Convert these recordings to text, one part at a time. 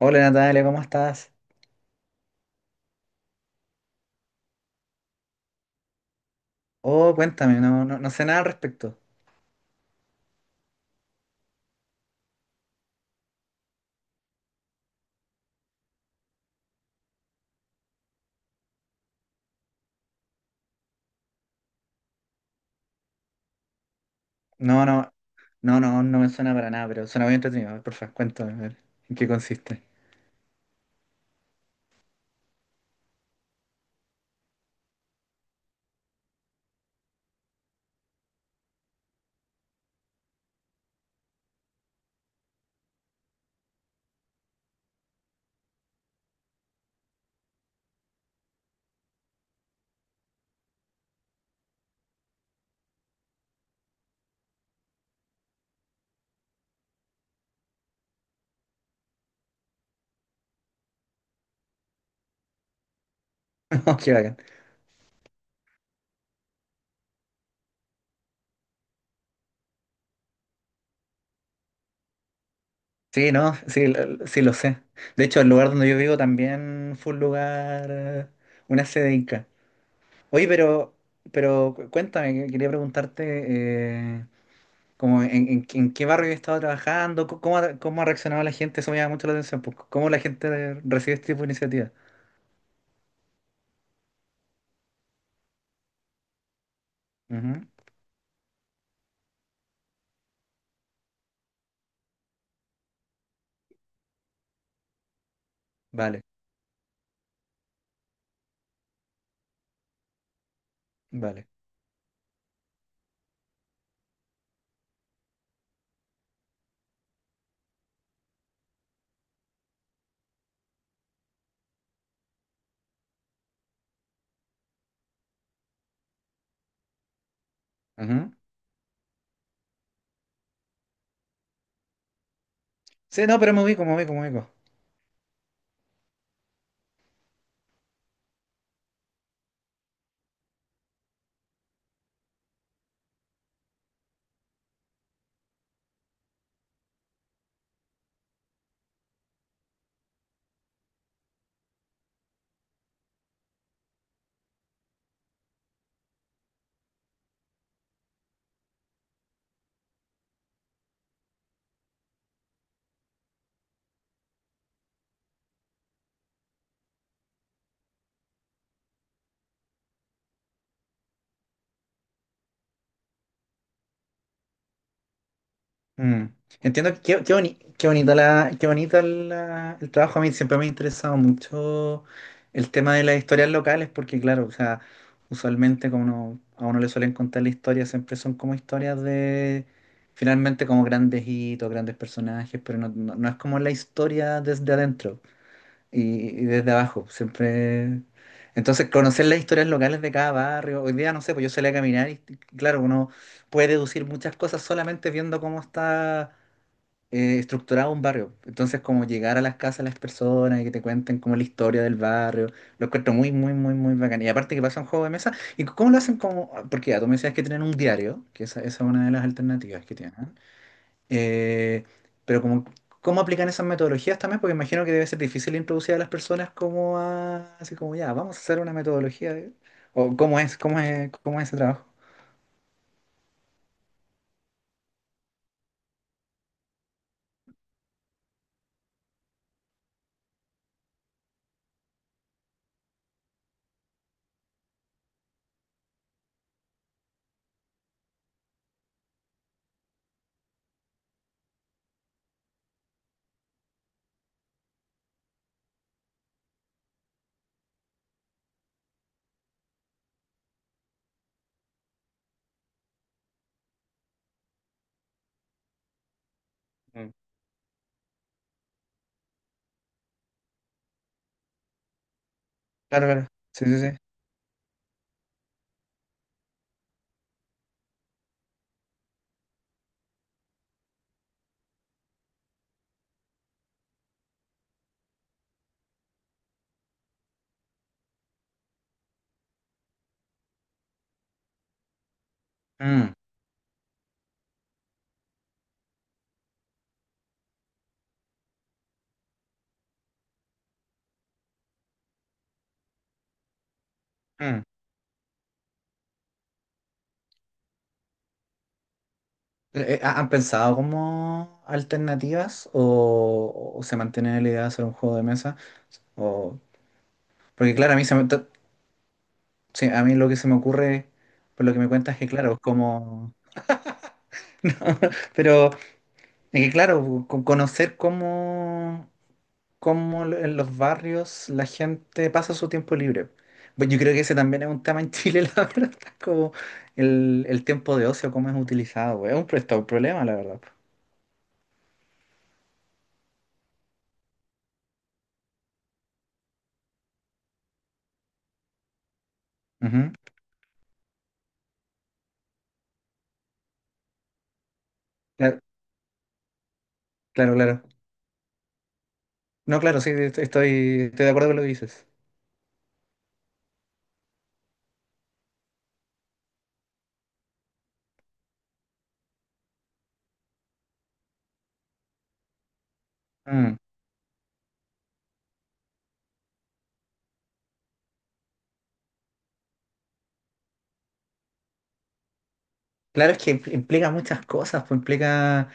Hola Natalia, ¿cómo estás? Oh, cuéntame, no, no, no sé nada al respecto. No, no, no me suena para nada, pero suena muy entretenido. A ver, porfa, cuéntame, a ver, ¿en qué consiste? Oh, qué bacán. Sí, no, sí, sí lo sé. De hecho, el lugar donde yo vivo también fue un lugar, una sede inca. Oye, pero, cuéntame, quería preguntarte, eh, como en, en qué barrio he estado trabajando, cómo ha reaccionado la gente, eso me llama mucho la atención, pues, ¿cómo la gente recibe este tipo de iniciativa? Ujú. Vale, vale. Ujú. Sí, no, pero me ubico, me ubico, me ubico. Mm. Entiendo que qué bonita el trabajo. A mí siempre me ha interesado mucho el tema de las historias locales, porque claro, o sea, usualmente a uno le suelen contar la historia, siempre son como historias de finalmente como grandes hitos, grandes personajes, pero no, no es como la historia desde adentro, y desde abajo, siempre. Entonces, conocer las historias locales de cada barrio, hoy día no sé, pues yo salí a caminar y claro, uno puede deducir muchas cosas solamente viendo cómo está estructurado un barrio. Entonces, como llegar a las casas de las personas y que te cuenten como la historia del barrio, lo encuentro muy, muy, muy, muy bacán. Y aparte que pasa un juego de mesa, ¿y cómo lo hacen como? Porque ya tú me decías que tienen un diario, que esa es una de las alternativas que tienen. Eh, pero como, ¿cómo aplican esas metodologías también? Porque imagino que debe ser difícil introducir a las personas como a, así como ya, vamos a hacer una metodología. O cómo es, cómo es, cómo es ese trabajo. Mm. Claro, claro. Sí, sí, sí. Mm, mm. ¿Han pensado como alternativas o se mantiene la idea de hacer un juego de mesa? O, porque claro, a mí, sí, a mí lo que se me ocurre, por lo que me cuentas es que claro, es como… Pero es que claro, conocer cómo, cómo en los barrios la gente pasa su tiempo libre. Pues yo creo que ese también es un tema en Chile, la verdad, como el tiempo de ocio, cómo es utilizado, güey. Es un, está un problema, la verdad, pues. Ujú. Claro, claro, claro. No, claro, sí, estoy de acuerdo con lo que dices. Mm. Claro, es que implica muchas cosas, pues implica,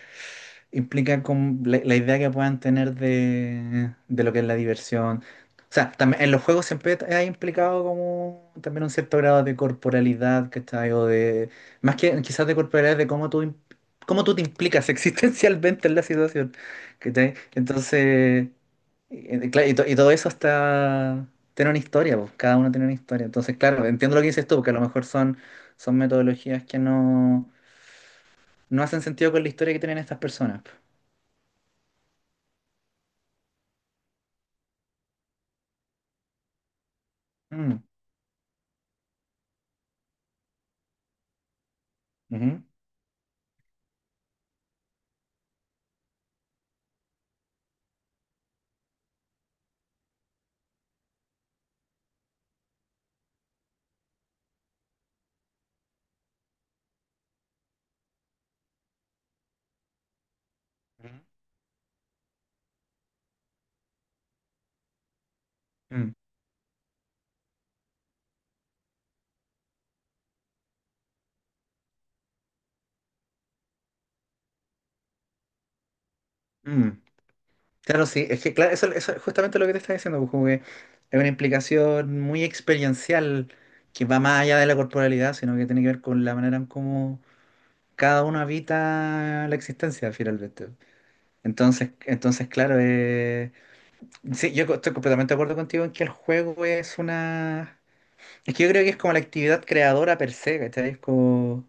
implica como la idea que puedan tener de lo que es la diversión. O sea, también en los juegos siempre ha implicado como también un cierto grado de corporalidad, ¿cachai? O de, más que quizás de corporalidad, de cómo tú te implicas existencialmente en la situación, ¿cachai? Entonces, claro, y, y todo eso está, tiene una historia, pues, cada uno tiene una historia. Entonces, claro, entiendo lo que dices tú, porque a lo mejor son, son metodologías que no, no hacen sentido con la historia que tienen estas personas, pues. Mm. Ujú. Mm, mm. Claro, sí, es que claro, eso es justamente lo que te estaba diciendo, pues, como que es una implicación muy experiencial que va más allá de la corporalidad, sino que tiene que ver con la manera en cómo cada uno habita la existencia finalmente. Entonces claro, sí, estoy completamente de acuerdo contigo en que el juego es una… Es que yo creo que es como la actividad creadora per se, ¿cachai? Es como…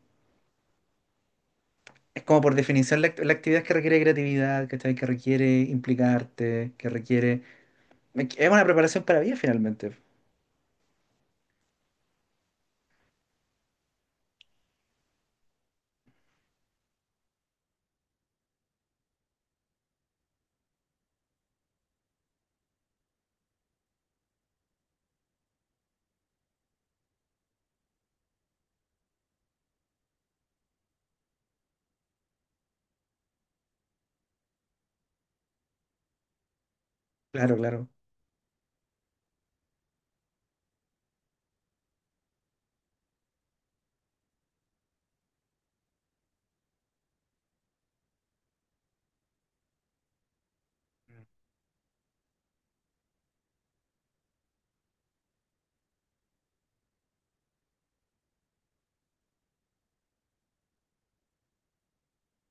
Es como por definición la, la actividad que requiere creatividad, ¿cachai? Que requiere implicarte, que requiere… Es una preparación para vida finalmente. Claro, claro.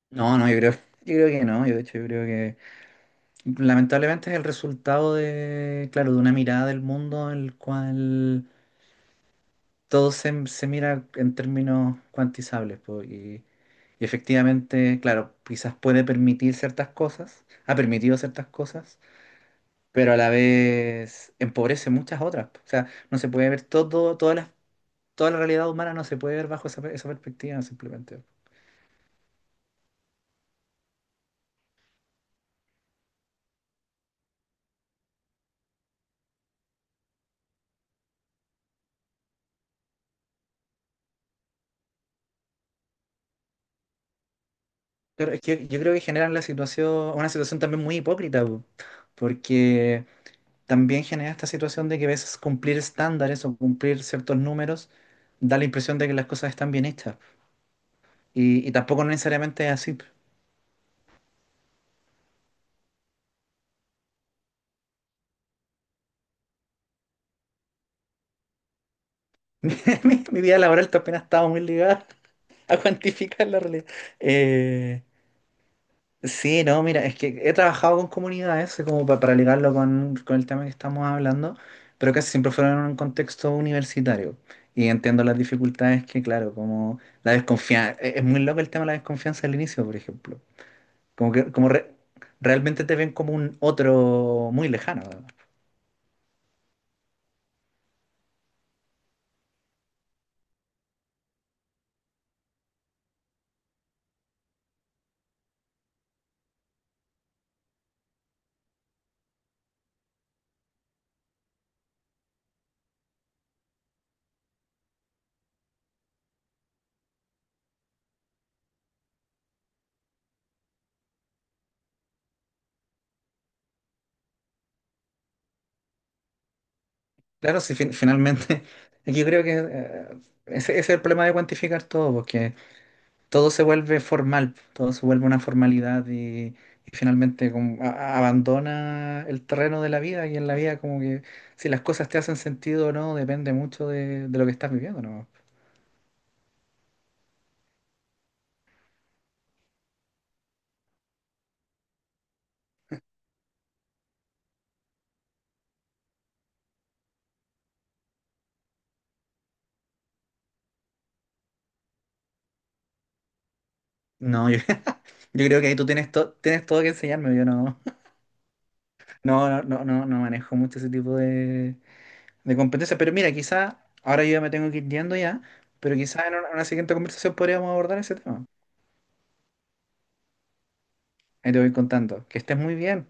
No, no, yo creo que no. Yo de hecho yo creo que lamentablemente es el resultado de, claro, de una mirada del mundo en el cual todo se, se mira en términos cuantizables, po, y efectivamente, claro, quizás puede permitir ciertas cosas, ha permitido ciertas cosas, pero a la vez empobrece muchas otras. O sea, no se puede ver todo, toda la realidad humana no se puede ver bajo esa, esa perspectiva simplemente. Pero es que yo creo que generan la situación, una situación también muy hipócrita, po, porque también genera esta situación de que a veces cumplir estándares o cumplir ciertos números da la impresión de que las cosas están bien hechas. Y tampoco necesariamente es así. Mi vida laboral también ha estado muy ligada a cuantificar la realidad. Eh, Sí, no, mira, es que he trabajado con comunidades, como para, ligarlo con el tema que estamos hablando, pero casi siempre fueron en un contexto universitario. Y entiendo las dificultades que, claro, como la desconfianza, es muy loco el tema de la desconfianza al inicio, por ejemplo. Como que realmente te ven como un otro muy lejano, ¿no? Claro, si finalmente, yo creo que ese, ese es el problema de cuantificar todo, porque todo se vuelve formal, todo se vuelve una formalidad y finalmente como abandona el terreno de la vida y en la vida como que si las cosas te hacen sentido o no depende mucho de lo que estás viviendo, ¿no? No, yo, yo creo que ahí tú tienes, tienes todo que enseñarme, yo no, no, no, no, no manejo mucho ese tipo de competencias, pero mira, quizá ahora yo ya me tengo que ir yendo ya, pero quizá en una siguiente conversación podríamos abordar ese tema. Ahí te voy contando. Que estés muy bien.